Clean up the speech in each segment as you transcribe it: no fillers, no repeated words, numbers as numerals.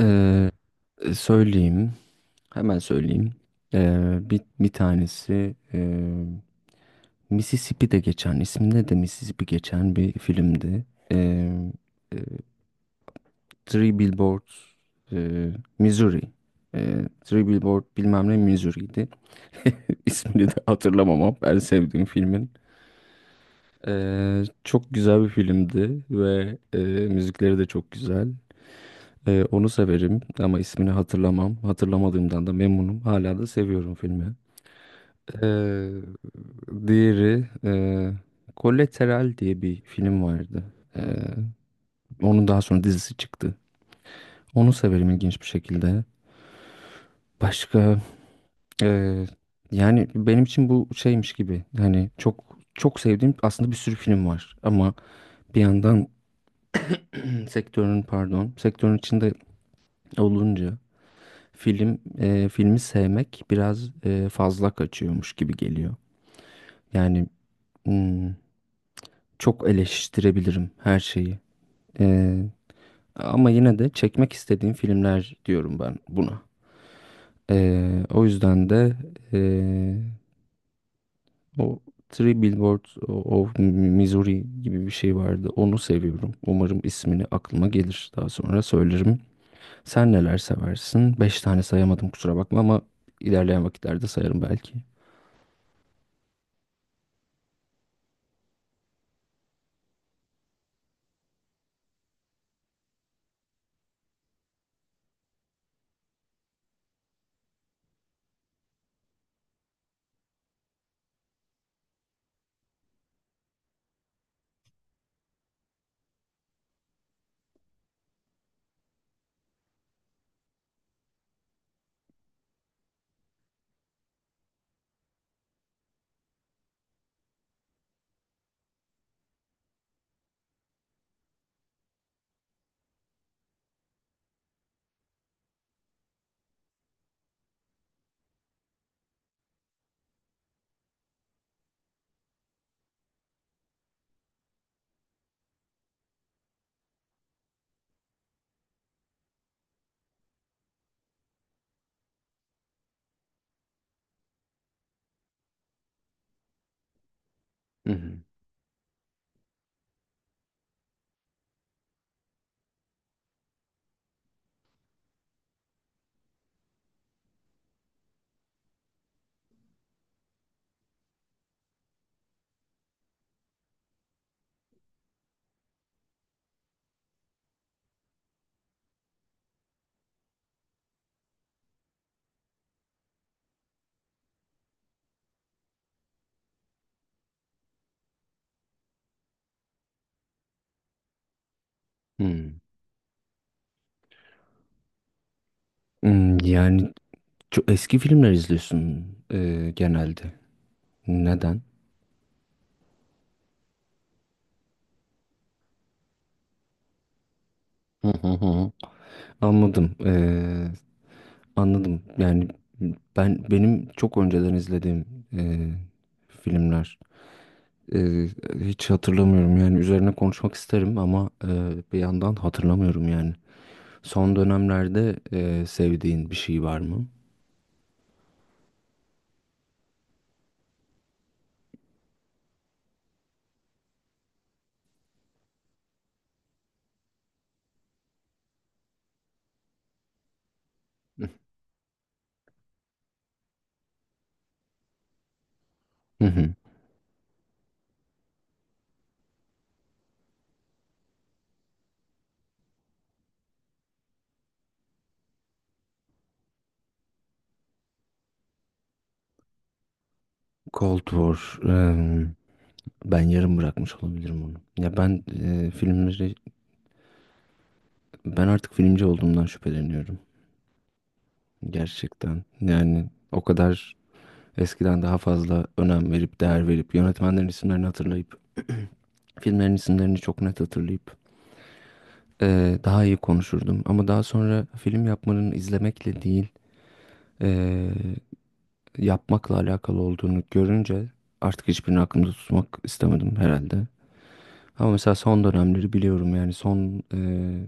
Eee, söyleyeyim. Hemen söyleyeyim. Bir tanesi Mississippi'de geçen, isminde de Mississippi geçen bir filmdi. Eee, eee, Three Billboards eee, Missouri. Three Billboard bilmem ne Missouri'ydi. İsmini de hatırlamam ama ben sevdiğim filmin. Çok güzel bir filmdi ve müzikleri de çok güzel. Onu severim ama ismini hatırlamam. Hatırlamadığımdan da memnunum. Hala da seviyorum filmi. Ee, diğeri, Collateral diye bir film vardı. Ee, onun daha sonra dizisi çıktı. Onu severim ilginç bir şekilde. Başka e, yani benim için bu şeymiş gibi. Hani çok çok sevdiğim aslında bir sürü film var. Ama bir yandan sektörün pardon sektörün içinde olunca filmi sevmek biraz fazla kaçıyormuş gibi geliyor. Yani hmm, çok eleştirebilirim her şeyi. E, ama yine de çekmek istediğim filmler diyorum ben buna. E, o yüzden de e, o Three Billboards of Missouri gibi bir şey vardı. Onu seviyorum. Umarım ismini aklıma gelir. Daha sonra söylerim. Sen neler seversin? Beş tane sayamadım kusura bakma ama ilerleyen vakitlerde sayarım belki. Hı hı. Hı. Yani çok eski filmler izliyorsun genelde. Neden? Hı hı hı. Anladım. Anladım. Yani benim çok önceden izlediğim e, filmler e, hiç hatırlamıyorum. Yani üzerine konuşmak isterim ama bir yandan hatırlamıyorum yani. Son dönemlerde sevdiğin bir şey var mı? Hı hı. Cold War. Ben yarım bırakmış olabilirim onu. Ya ben e, filmleri Ben artık filmci olduğumdan şüpheleniyorum. Gerçekten. Yani o kadar eskiden daha fazla önem verip, değer verip, yönetmenlerin isimlerini hatırlayıp, filmlerin isimlerini çok net hatırlayıp daha iyi konuşurdum. Ama daha sonra film yapmanın izlemekle değil, eee, yapmakla alakalı olduğunu görünce artık hiçbirini aklımda tutmak istemedim herhalde. Ama mesela son dönemleri biliyorum yani son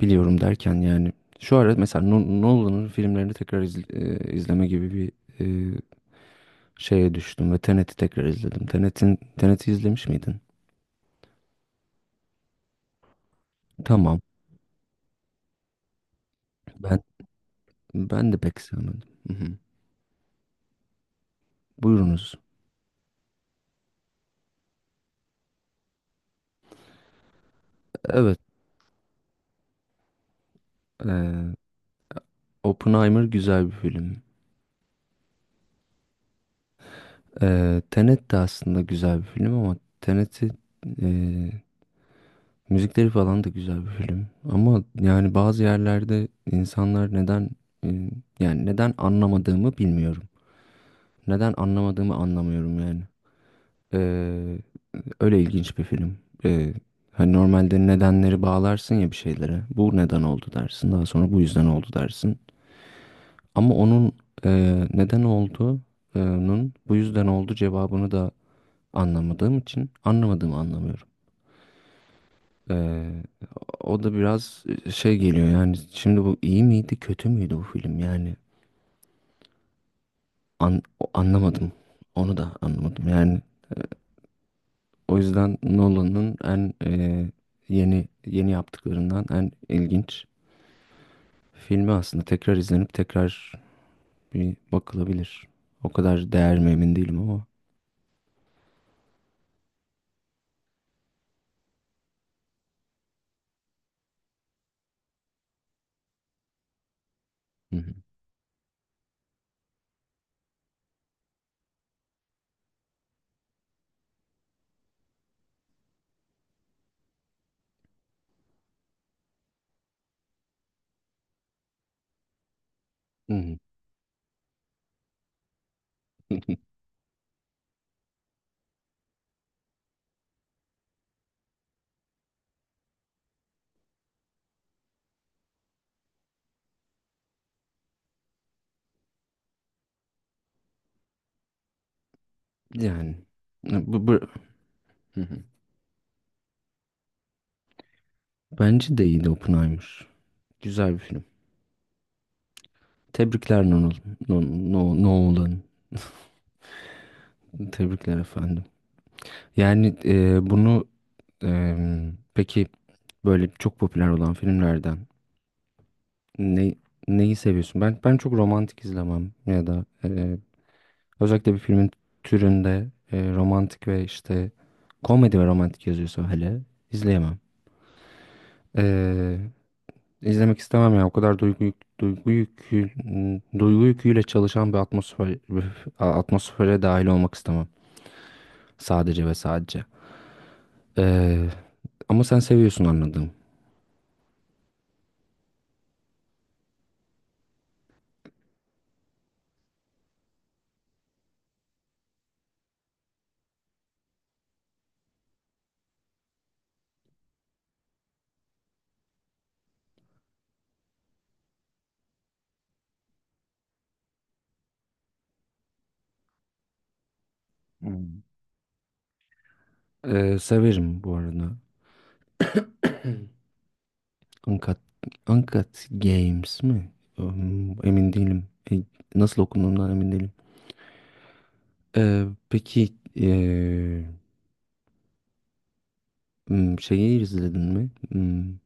biliyorum derken yani şu ara mesela Nolan'ın filmlerini izleme gibi bir e, şeye düştüm ve Tenet'i tekrar izledim. Tenet'i izlemiş miydin? Tamam. Ben ben de pek sevmedim. Hı hı. Buyurunuz. Evet. E, Oppenheimer güzel bir film. Tenet de aslında güzel bir film ama Tenet'i e, müzikleri falan da güzel bir film. Ama yani bazı yerlerde insanlar e, yani neden anlamadığımı bilmiyorum. Neden anlamadığımı anlamıyorum yani. Ee, öyle ilginç bir film. Ee, hani normalde nedenleri bağlarsın ya bir şeylere. Bu neden oldu dersin. Daha sonra bu yüzden oldu dersin. Ama onun e, neden olduğunun bu yüzden oldu cevabını da anlamadığım için anlamadığımı anlamıyorum. Ee, o da biraz şey geliyor yani. Şimdi bu iyi miydi kötü müydü bu film yani. An- anlamadım. Onu da anlamadım. Yani o yüzden Nolan'ın en yeni yeni yaptıklarından en ilginç filmi aslında. Tekrar izlenip tekrar bir bakılabilir. O kadar değer mi emin değilim ama. Hı hı. Hı hı. Yani e, bu, bu Hı hı. Bence de iyiydi Oppenheimer. Güzel bir film. Tebrikler Nolan. No, no, Nolan. Tebrikler efendim. Yani bunu e, peki böyle çok popüler olan filmlerden Ne, neyi seviyorsun? Ben çok romantik izlemem ya da özellikle bir filmin türünde, romantik ve işte komedi ve romantik yazıyorsa hele izleyemem. E, izlemek istemem ya. O kadar duygu yükü, duygu yüküyle çalışan bir atmosfer atmosfere dahil olmak istemem. Sadece ve sadece. E, ama sen seviyorsun anladım. Hmm. Severim bu arada. Uncut, Uncut Games mi? Emin değilim. E, Nasıl okunduğundan emin değilim. Ee, peki ee, şeyi izledin mi?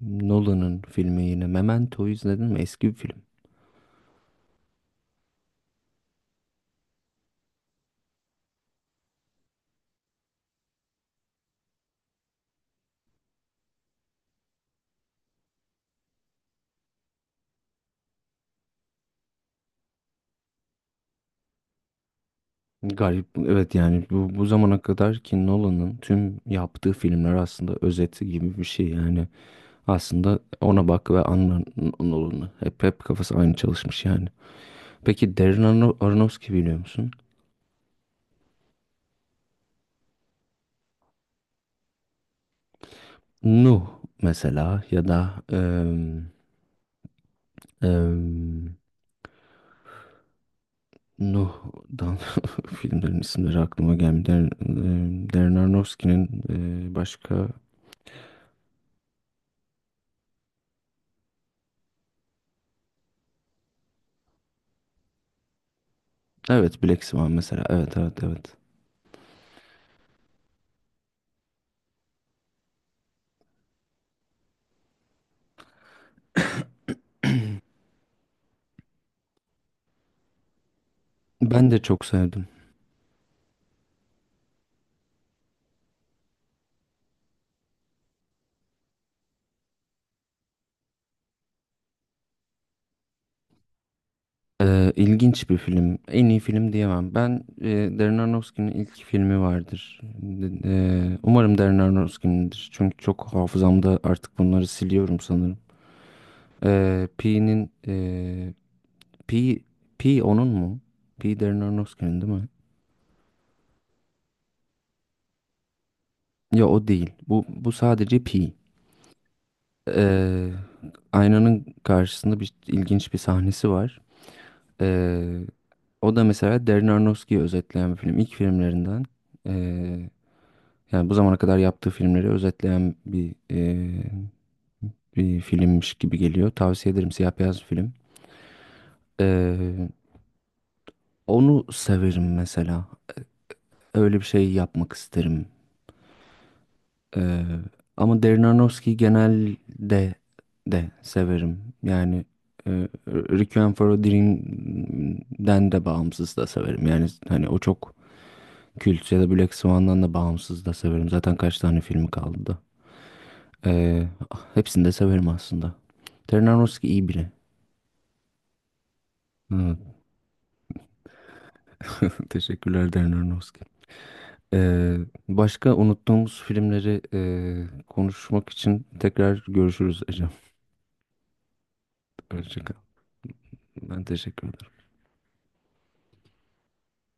Nolan'ın filmi yine Memento'yu izledin mi? Eski bir film. Garip. Evet yani bu zamana kadar ki Nolan'ın tüm yaptığı filmler aslında özeti gibi bir şey. Yani aslında ona bak ve anla Nolan'ı. Hep kafası aynı çalışmış yani. Peki Aronofsky biliyor musun? Nuh mesela ya da em, Nuh'dan filmlerin isimleri aklıma gelmiyor. Darren Aronofsky'nin başka evet Black Swan mesela, evet, evet, evet. Ben de çok sevdim. İlginç bir film. En iyi film diyemem. Darren Aronofsky'nin ilk filmi vardır. Umarım Darren Aronofsky'nindir. Çünkü çok hafızamda artık bunları siliyorum sanırım. Ee, Pi'nin Pi, Pi onun mu? Pi Darren Aronofsky'nin değil mi? Ya o değil. Bu sadece Pi. Ee, aynanın karşısında bir ilginç bir sahnesi var. Ee, o da mesela Darren Aronofsky'yi özetleyen bir film. İlk filmlerinden. ee, yani bu zamana kadar yaptığı filmleri özetleyen bir filmmiş gibi geliyor. Tavsiye ederim. Siyah beyaz bir film. Ee, onu severim mesela. Öyle bir şey yapmak isterim. Ee, ama Darren Aronofsky'yi genelde de severim. Yani e, Requiem for a Dream'den de bağımsız da severim. Yani hani o çok kült ya da Black Swan'dan da bağımsız da severim. Zaten kaç tane filmi kaldı da. Ee, hepsini de severim aslında. Darren Aronofsky iyi biri. Evet. Teşekkürler Darren Aronofsky. Ee, başka unuttuğumuz filmleri konuşmak için tekrar görüşürüz Ecem. Hoşça kal. Ben teşekkür ederim.